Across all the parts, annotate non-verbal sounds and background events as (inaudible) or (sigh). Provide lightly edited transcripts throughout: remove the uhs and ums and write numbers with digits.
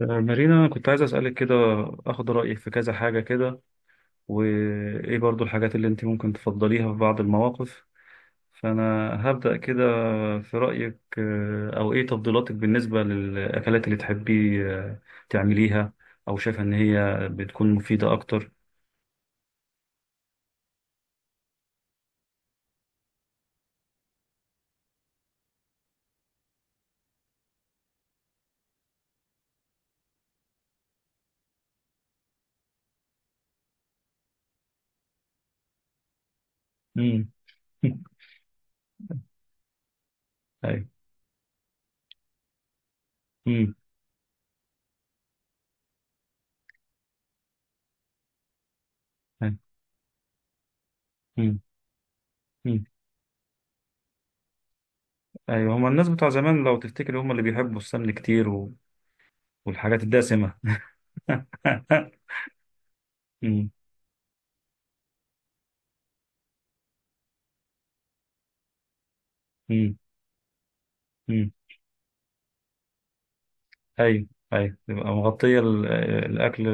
مارينا، أنا كنت عايز أسألك كده، أخد رأيك في كذا حاجة كده، وإيه برضو الحاجات اللي أنت ممكن تفضليها في بعض المواقف. فأنا هبدأ كده. في رأيك أو إيه تفضيلاتك بالنسبة للأكلات اللي تحبي تعمليها، أو شايفة إن هي بتكون مفيدة أكتر؟ مم. (laughs) أيوه. مم. أيوه. مم. مم. أيوه، هما الناس بتوع زمان لو تفتكر هما اللي بيحبوا السمن كتير والحاجات الدسمة. (laughs) مم. مم. مم. ايوه، ايوه، تبقى مغطية الأكل،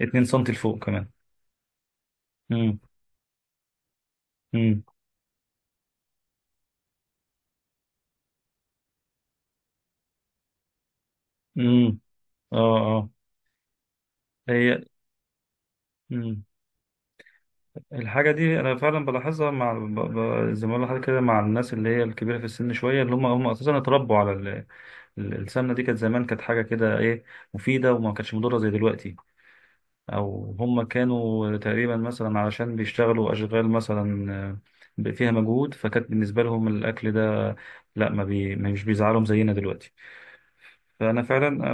اتنين سنتي لفوق كمان. امم. امم. امم. اه. اه. هي. امم الحاجة دي أنا فعلا بلاحظها مع زي ما بقول لحضرتك كده، مع الناس اللي هي الكبيرة في السن شوية، اللي هم أساسا اتربوا على السمنة. دي كانت زمان، كانت حاجة كده مفيدة، وما كانتش مضرة زي دلوقتي. أو هم كانوا تقريبا مثلا علشان بيشتغلوا أشغال مثلا، فيها مجهود، فكانت بالنسبة لهم الأكل ده، لا ما, بي... ما مش بيزعلهم زينا دلوقتي. فانا فعلا،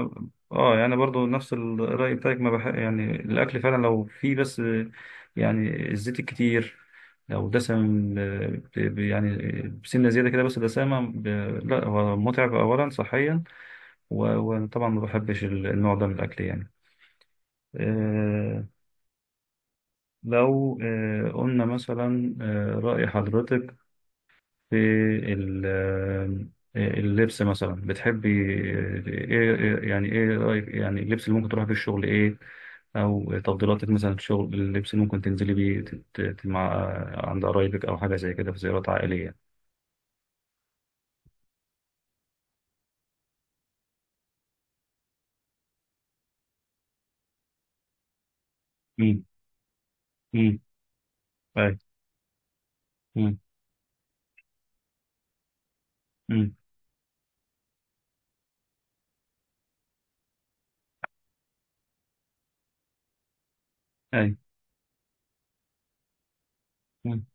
اه، يعني برضو نفس الراي بتاعك، ما بح... يعني الاكل فعلا لو فيه، بس يعني الزيت الكتير، لو دسم، يعني بسنه زياده كده، بس دسامه لا هو متعب اولا صحيا، وطبعا ما بحبش النوع ده من الاكل يعني آه لو قلنا مثلا، راي حضرتك في ال- آه، اللبس مثلا، بتحبي ايه؟ يعني ايه رأيك يعني اللبس اللي ممكن تروحي بيه الشغل ايه، او تفضيلاتك مثلا في الشغل، اللبس اللي ممكن تنزلي بيه مع عند قرايبك او حاجه زي كده في زيارات عائليه؟ امم. امم. اي. امم. امم. اي. امم.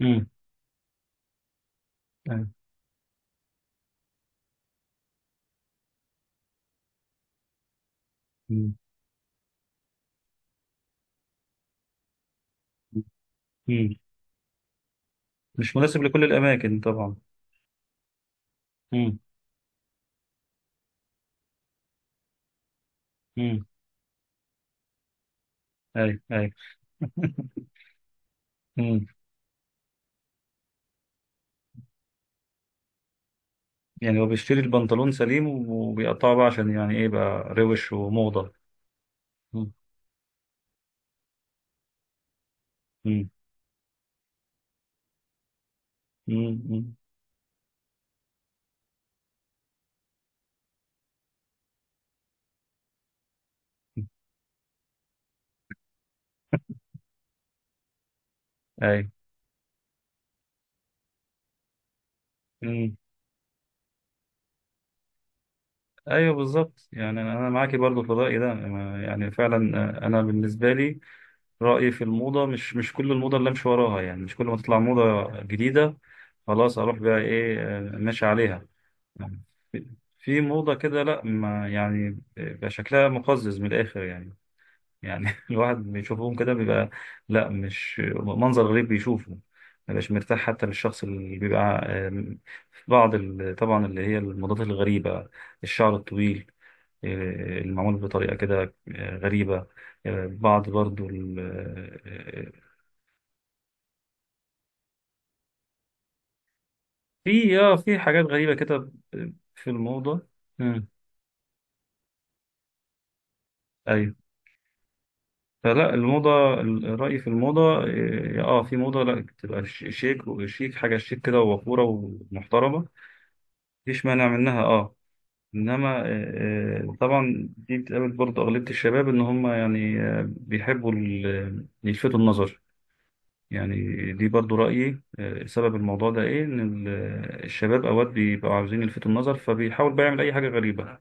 امم. أي. أمم. أمم. مش مناسب لكل الاماكن طبعا. امم. امم. اي. اي. (laughs) يعني هو بيشتري البنطلون سليم وبيقطعه بقى عشان يعني ايه بقى روش وموضة. مم. مم. مم. مم. ايوه. مم. ايوه، بالظبط، يعني أنا معاكي برضو في الرأي ده. يعني فعلا، انا بالنسبة لي رأيي في الموضة مش كل الموضة اللي امشي وراها. يعني مش كل ما تطلع موضة جديدة خلاص اروح بقى ايه ماشي عليها يعني. في في موضة كده لا، ما يعني بيبقى شكلها مقزز من الاخر يعني، (laughs) الواحد بيشوفهم كده بيبقى لا، مش منظر غريب بيشوفه، ما بيبقاش مرتاح حتى للشخص اللي بيبقى آم، في بعض طبعا اللي هي الموضات الغريبة، الشعر الطويل المعمول بطريقة كده غريبة، بعض برضو في في حاجات غريبة كده في الموضة. مم. أيوة. فلا الموضة الرأي في الموضة في موضة لا، تبقى شيك، وشيك، حاجة شيك كده ووقورة ومحترمة. مفيش مانع منها اه. انما طبعا دي بتقابل برضه اغلبيه الشباب، ان هم يعني بيحبوا يلفتوا النظر يعني. دي برضه رايي، سبب الموضوع ده ايه، ان الشباب اوقات بيبقوا عاوزين يلفتوا النظر، فبيحاول بقى يعمل اي حاجه غريبه.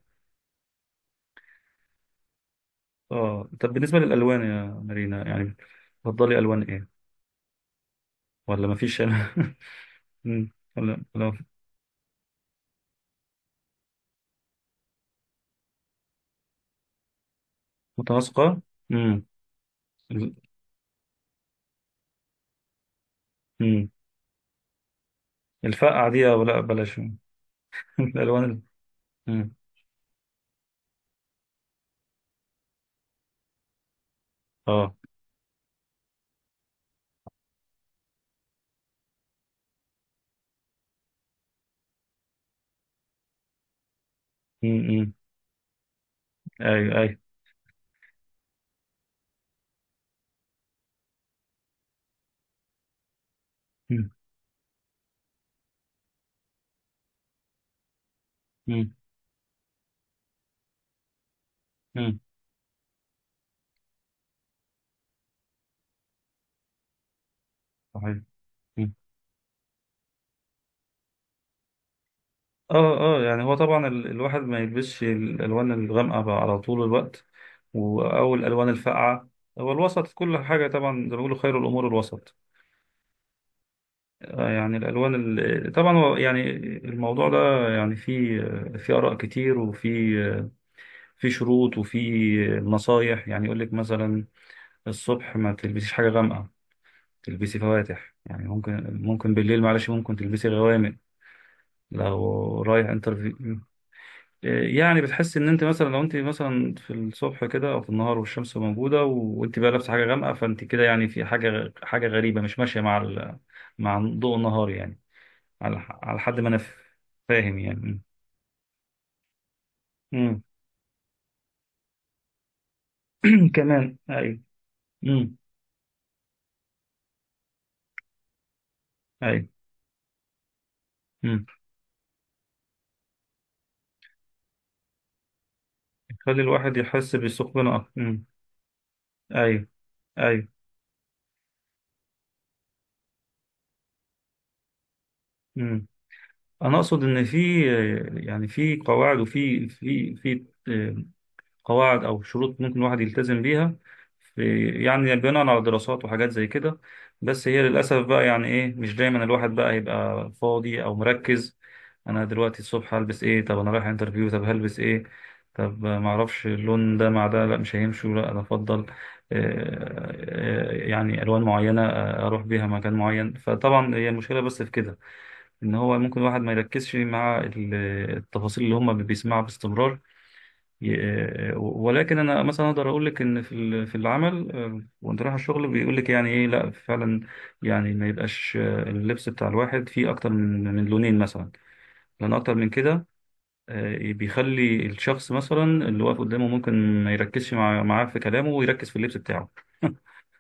اه، طب بالنسبه للالوان يا مارينا، يعني تفضلي الوان ايه ولا مفيش؟ (laughs) مم. ولا متناسقه؟ امم. امم. الفقعه دي أو لا بلاش؟ (laughs) الالوان مم. اه. امم. ايوه. ايوه. مم. مم. مم. صحيح. مم. اه، اه. يعني هو طبعا الواحد ما يلبسش الالوان الغامقه بقى على طول الوقت، او الالوان الفاقعه. هو الوسط كل حاجه طبعا، زي ما بيقولوا خير الامور الوسط. يعني الالوان طبعا هو يعني الموضوع ده يعني في اراء كتير، وفي شروط، وفي نصايح. يعني يقول لك مثلا الصبح ما تلبسيش حاجه غامقه، تلبسي فواتح. يعني ممكن، بالليل معلش ممكن تلبسي غوامق. لو رايح انترفيو، يعني بتحس ان انت مثلا لو انت مثلا في الصبح كده او في النهار والشمس موجوده، وانت بقى لابسه حاجه غامقه، فانت كده يعني في حاجه غريبه، مش ماشيه مع مع ضوء النهار يعني، على حد ما انا فاهم يعني. امم. (clears throat) كمان ايوه. امم. ايوه. امم. يخلي الواحد يحس بالسخونه اكتر. امم. ايوه. ايوه. امم. انا اقصد ان في، يعني في قواعد، وفي في في قواعد او شروط ممكن الواحد يلتزم بيها، في، يعني بناء على دراسات وحاجات زي كده. بس هي للاسف بقى يعني ايه، مش دايما الواحد بقى هيبقى فاضي او مركز. انا دلوقتي الصبح هلبس ايه؟ طب انا رايح انترفيو طب هلبس ايه؟ طب ما اعرفش اللون ده مع ده لا مش هيمشوا، لا انا افضل يعني الوان معينه اروح بيها مكان معين. فطبعا هي المشكله بس في كده، ان هو ممكن الواحد ما يركزش مع التفاصيل اللي هم بيسمعها باستمرار. ولكن انا مثلا اقدر اقول لك ان في في العمل، وانت رايح الشغل بيقول لك يعني ايه لا فعلا، يعني ما يبقاش اللبس بتاع الواحد فيه اكتر من لونين مثلا. لان اكتر من كده بيخلي الشخص مثلا اللي واقف قدامه ممكن ما يركزش معاه في كلامه، ويركز في اللبس بتاعه.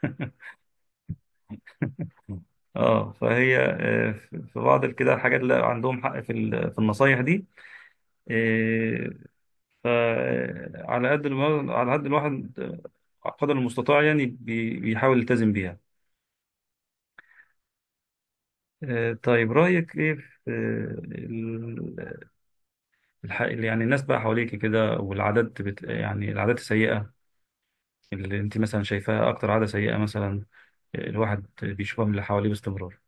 (laughs) اه، فهي في بعض كده الحاجات اللي عندهم حق في في النصايح دي. آه، فعلى قد الوا- على قد الواحد، قدر المستطاع يعني بيحاول يلتزم بيها. طيب رأيك إيه في آه، ال- يعني الناس بقى حواليك كده والعادات يعني العادات السيئة اللي أنت مثلا شايفاها أكتر عادة سيئة مثلا الواحد بيشوفها من اللي حواليه باستمرار؟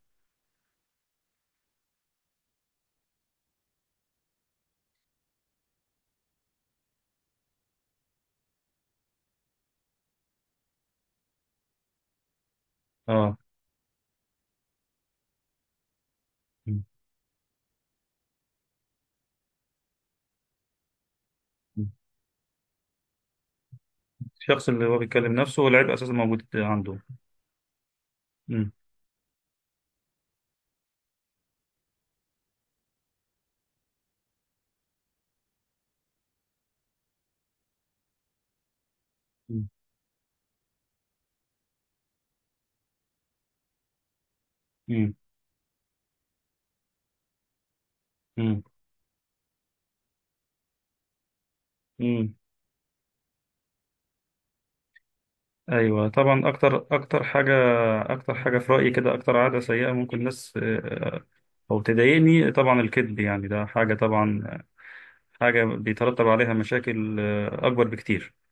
آه. م. م. الشخص اللي هو بيتكلم نفسه والعيب أساسا موجود عنده. م. م. م. م. ايوه طبعا، اكتر حاجه في رايي كده، اكتر عاده سيئه ممكن الناس او تضايقني طبعا الكذب. يعني ده حاجه طبعا، حاجه بيترتب عليها مشاكل اكبر بكتير.